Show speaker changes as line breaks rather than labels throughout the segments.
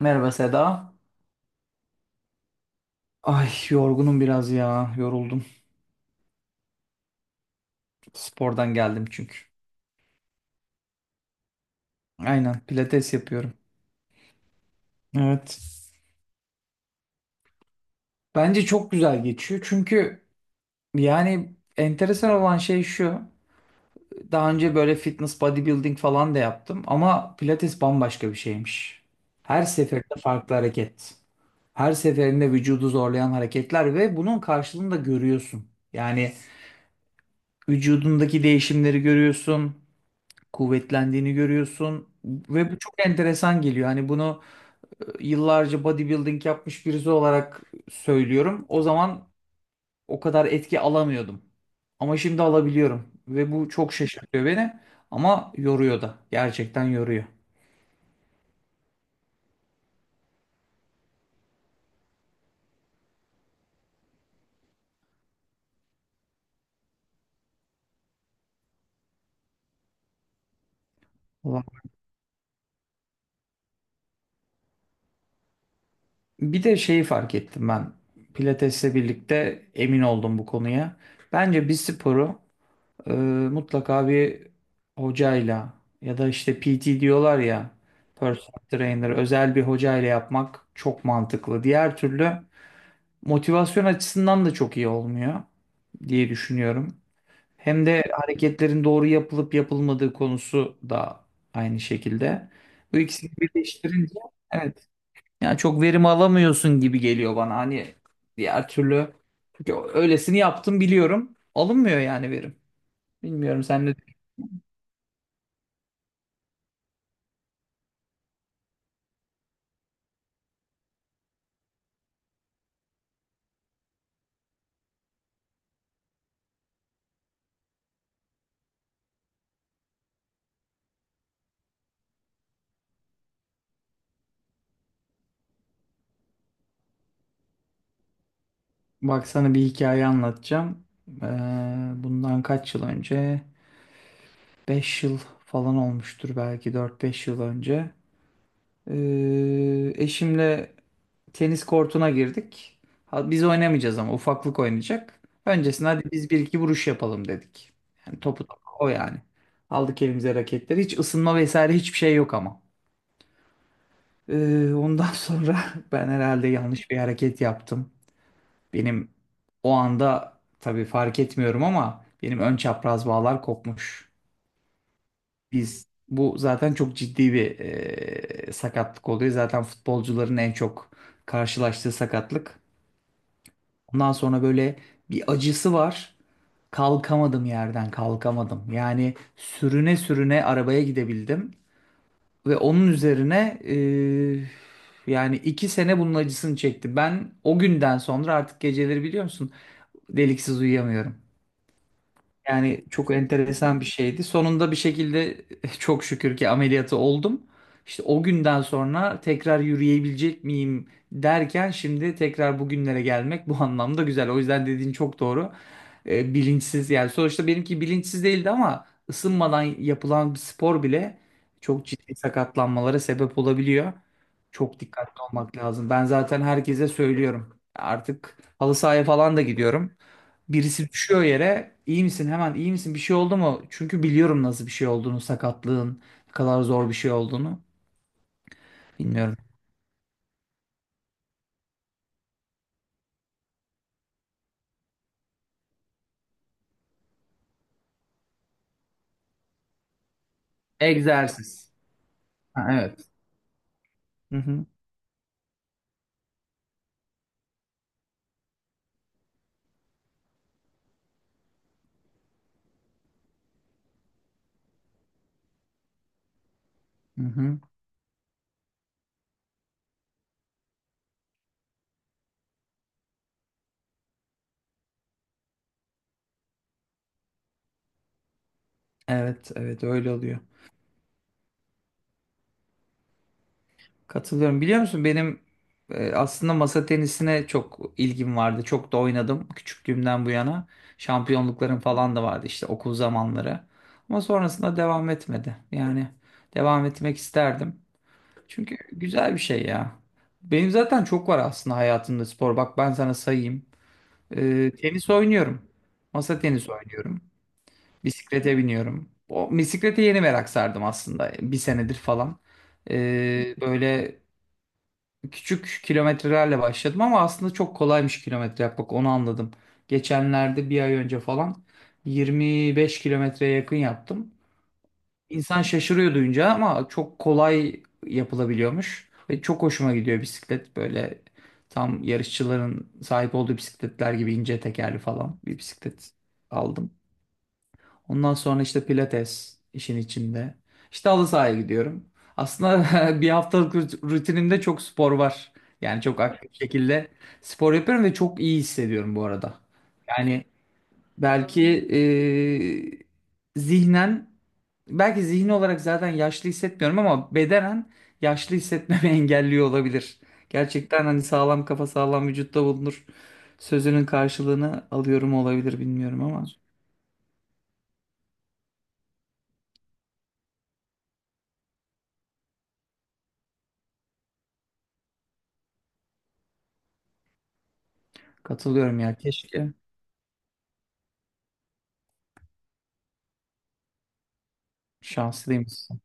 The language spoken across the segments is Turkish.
Merhaba Seda. Ay yorgunum biraz ya. Yoruldum. Spordan geldim çünkü. Aynen pilates yapıyorum. Evet. Bence çok güzel geçiyor. Çünkü yani enteresan olan şey şu. Daha önce böyle fitness bodybuilding falan da yaptım ama pilates bambaşka bir şeymiş. Her seferinde farklı hareket. Her seferinde vücudu zorlayan hareketler ve bunun karşılığını da görüyorsun. Yani vücudundaki değişimleri görüyorsun, kuvvetlendiğini görüyorsun ve bu çok enteresan geliyor. Hani bunu yıllarca bodybuilding yapmış birisi olarak söylüyorum. O zaman o kadar etki alamıyordum. Ama şimdi alabiliyorum ve bu çok şaşırtıyor beni, ama yoruyor da. Gerçekten yoruyor. Ulan. Bir de şeyi fark ettim ben. Pilatesle birlikte emin oldum bu konuya. Bence bir sporu Ee, mutlaka bir hocayla ya da işte PT diyorlar ya, personal trainer, özel bir hocayla yapmak çok mantıklı. Diğer türlü motivasyon açısından da çok iyi olmuyor diye düşünüyorum. Hem de hareketlerin doğru yapılıp yapılmadığı konusu da aynı şekilde. Bu ikisini birleştirince, evet, yani çok verim alamıyorsun gibi geliyor bana. Hani diğer türlü, çünkü öylesini yaptım biliyorum. Alınmıyor yani verim. Bilmiyorum sen ne. Bak sana bir hikaye anlatacağım. Ee, bundan kaç yıl önce? 5 yıl falan olmuştur, belki dört beş yıl önce. Eşimle tenis kortuna girdik. Ha, biz oynamayacağız ama ufaklık oynayacak. Öncesinde hadi biz bir iki vuruş yapalım dedik. Yani topu topu o yani. Aldık elimize raketleri. Hiç ısınma vesaire hiçbir şey yok ama. Ondan sonra ben herhalde yanlış bir hareket yaptım. Benim o anda tabii fark etmiyorum ama benim ön çapraz bağlar kopmuş. Biz bu zaten çok ciddi bir sakatlık oluyor. Zaten futbolcuların en çok karşılaştığı sakatlık. Ondan sonra böyle bir acısı var. Kalkamadım yerden, kalkamadım. Yani sürüne sürüne arabaya gidebildim ve onun üzerine, yani iki sene bunun acısını çekti. Ben o günden sonra artık geceleri biliyor musun deliksiz uyuyamıyorum. Yani çok enteresan bir şeydi. Sonunda bir şekilde çok şükür ki ameliyatı oldum. İşte o günden sonra tekrar yürüyebilecek miyim derken şimdi tekrar bugünlere gelmek bu anlamda güzel. O yüzden dediğin çok doğru. Bilinçsiz, yani sonuçta benimki bilinçsiz değildi ama ısınmadan yapılan bir spor bile çok ciddi sakatlanmalara sebep olabiliyor. Çok dikkatli olmak lazım. Ben zaten herkese söylüyorum. Artık halı sahaya falan da gidiyorum. Birisi düşüyor yere, iyi misin hemen, iyi misin, bir şey oldu mu? Çünkü biliyorum nasıl bir şey olduğunu, sakatlığın ne kadar zor bir şey olduğunu bilmiyorum. Egzersiz. Ha, evet. Hı hı, hı hı. Evet, evet, öyle oluyor. Katılıyorum. Biliyor musun benim aslında masa tenisine çok ilgim vardı. Çok da oynadım küçüklüğümden bu yana. Şampiyonluklarım falan da vardı işte, okul zamanları. Ama sonrasında devam etmedi. Yani devam etmek isterdim. Çünkü güzel bir şey ya. Benim zaten çok var aslında hayatımda spor. Bak ben sana sayayım. Tenis oynuyorum. Masa tenisi oynuyorum. Bisiklete biniyorum. O bisiklete yeni merak sardım aslında. Bir senedir falan. Böyle küçük kilometrelerle başladım ama aslında çok kolaymış kilometre yapmak. Onu anladım. Geçenlerde bir ay önce falan 25 kilometreye yakın yaptım. İnsan şaşırıyor duyunca ama çok kolay yapılabiliyormuş. Ve çok hoşuma gidiyor bisiklet, böyle tam yarışçıların sahip olduğu bisikletler gibi ince tekerli falan bir bisiklet aldım. Ondan sonra işte pilates işin içinde. İşte halı sahaya gidiyorum. Aslında bir haftalık rutinimde çok spor var. Yani çok aktif şekilde spor yapıyorum ve çok iyi hissediyorum bu arada. Yani belki zihnen, belki zihni olarak zaten yaşlı hissetmiyorum ama bedenen yaşlı hissetmemi engelliyor olabilir. Gerçekten hani sağlam kafa sağlam vücutta bulunur sözünün karşılığını alıyorum olabilir, bilmiyorum ama katılıyorum ya, keşke. Şanslıymışsın.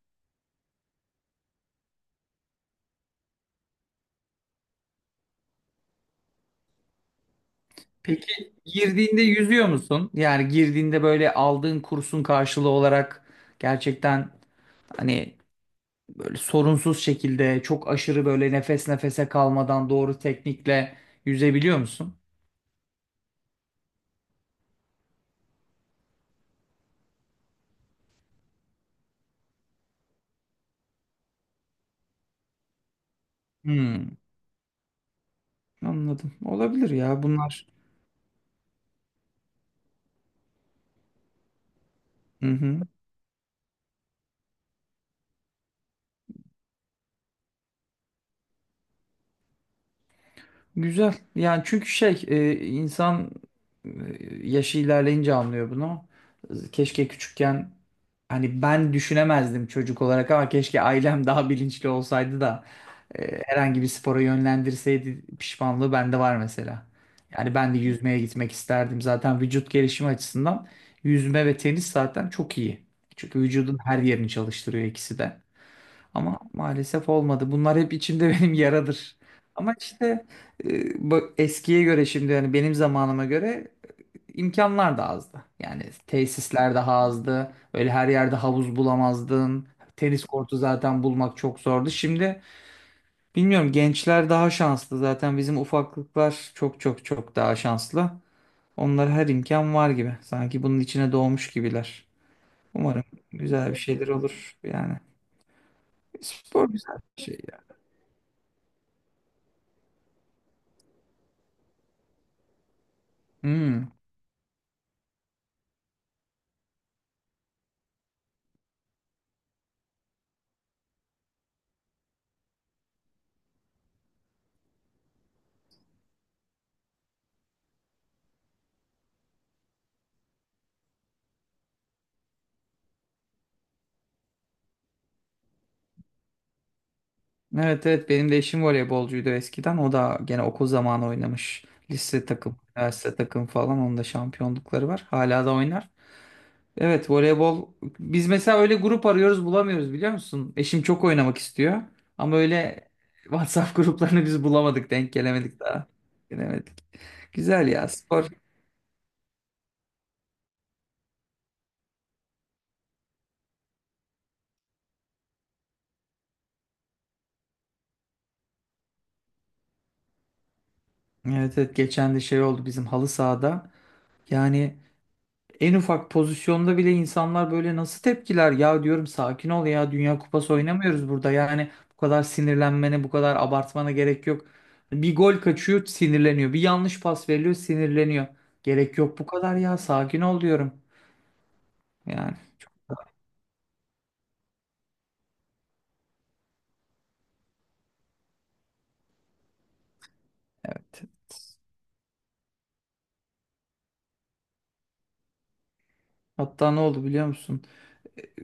Peki girdiğinde yüzüyor musun? Yani girdiğinde böyle aldığın kursun karşılığı olarak gerçekten hani böyle sorunsuz şekilde, çok aşırı böyle nefes nefese kalmadan doğru teknikle yüzebiliyor musun? Hmm, anladım. Olabilir ya bunlar. Hı hı. Güzel. Yani çünkü insan yaşı ilerleyince anlıyor bunu. Keşke küçükken, hani ben düşünemezdim çocuk olarak, ama keşke ailem daha bilinçli olsaydı da herhangi bir spora yönlendirseydi, pişmanlığı bende var mesela. Yani ben de yüzmeye gitmek isterdim. Zaten vücut gelişimi açısından yüzme ve tenis zaten çok iyi. Çünkü vücudun her yerini çalıştırıyor ikisi de. Ama maalesef olmadı. Bunlar hep içimde benim yaradır. Ama işte bu eskiye göre, şimdi yani benim zamanıma göre imkanlar da azdı. Yani tesisler daha azdı. Öyle her yerde havuz bulamazdın. Tenis kortu zaten bulmak çok zordu. Şimdi bilmiyorum, gençler daha şanslı. Zaten bizim ufaklıklar çok çok çok daha şanslı. Onlara her imkan var gibi. Sanki bunun içine doğmuş gibiler. Umarım güzel bir şeyler olur yani. Spor güzel bir şey ya. Hmm. Evet, evet, benim de eşim voleybolcuydu eskiden. O da gene okul zamanı oynamış. Lise takım, üniversite takım falan. Onun da şampiyonlukları var. Hala da oynar. Evet, voleybol, biz mesela öyle grup arıyoruz bulamıyoruz biliyor musun? Eşim çok oynamak istiyor. Ama öyle WhatsApp gruplarını biz bulamadık. Denk gelemedik daha. Gelemedik. Güzel ya spor. Evet, evet, geçen de şey oldu bizim halı sahada. Yani en ufak pozisyonda bile insanlar böyle nasıl tepkiler ya, diyorum sakin ol ya, Dünya Kupası oynamıyoruz burada, yani bu kadar sinirlenmene bu kadar abartmana gerek yok. Bir gol kaçıyor sinirleniyor, bir yanlış pas veriliyor sinirleniyor. Gerek yok bu kadar ya, sakin ol diyorum. Yani çok. Evet. Hatta ne oldu biliyor musun?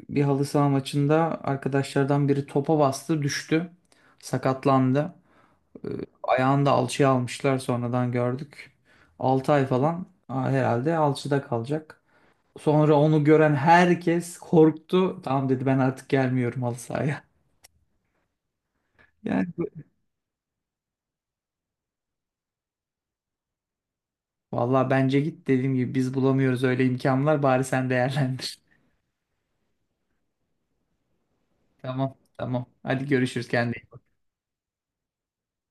Bir halı saha maçında arkadaşlardan biri topa bastı, düştü, sakatlandı. Ee, Ayağını da alçıya almışlar, sonradan gördük. 6 ay falan herhalde alçıda kalacak. Sonra onu gören herkes korktu. Tamam dedi, ben artık gelmiyorum halı sahaya. Yani vallahi bence git, dediğim gibi biz bulamıyoruz öyle imkanlar, bari sen değerlendir. Tamam tamam, hadi görüşürüz, kendine.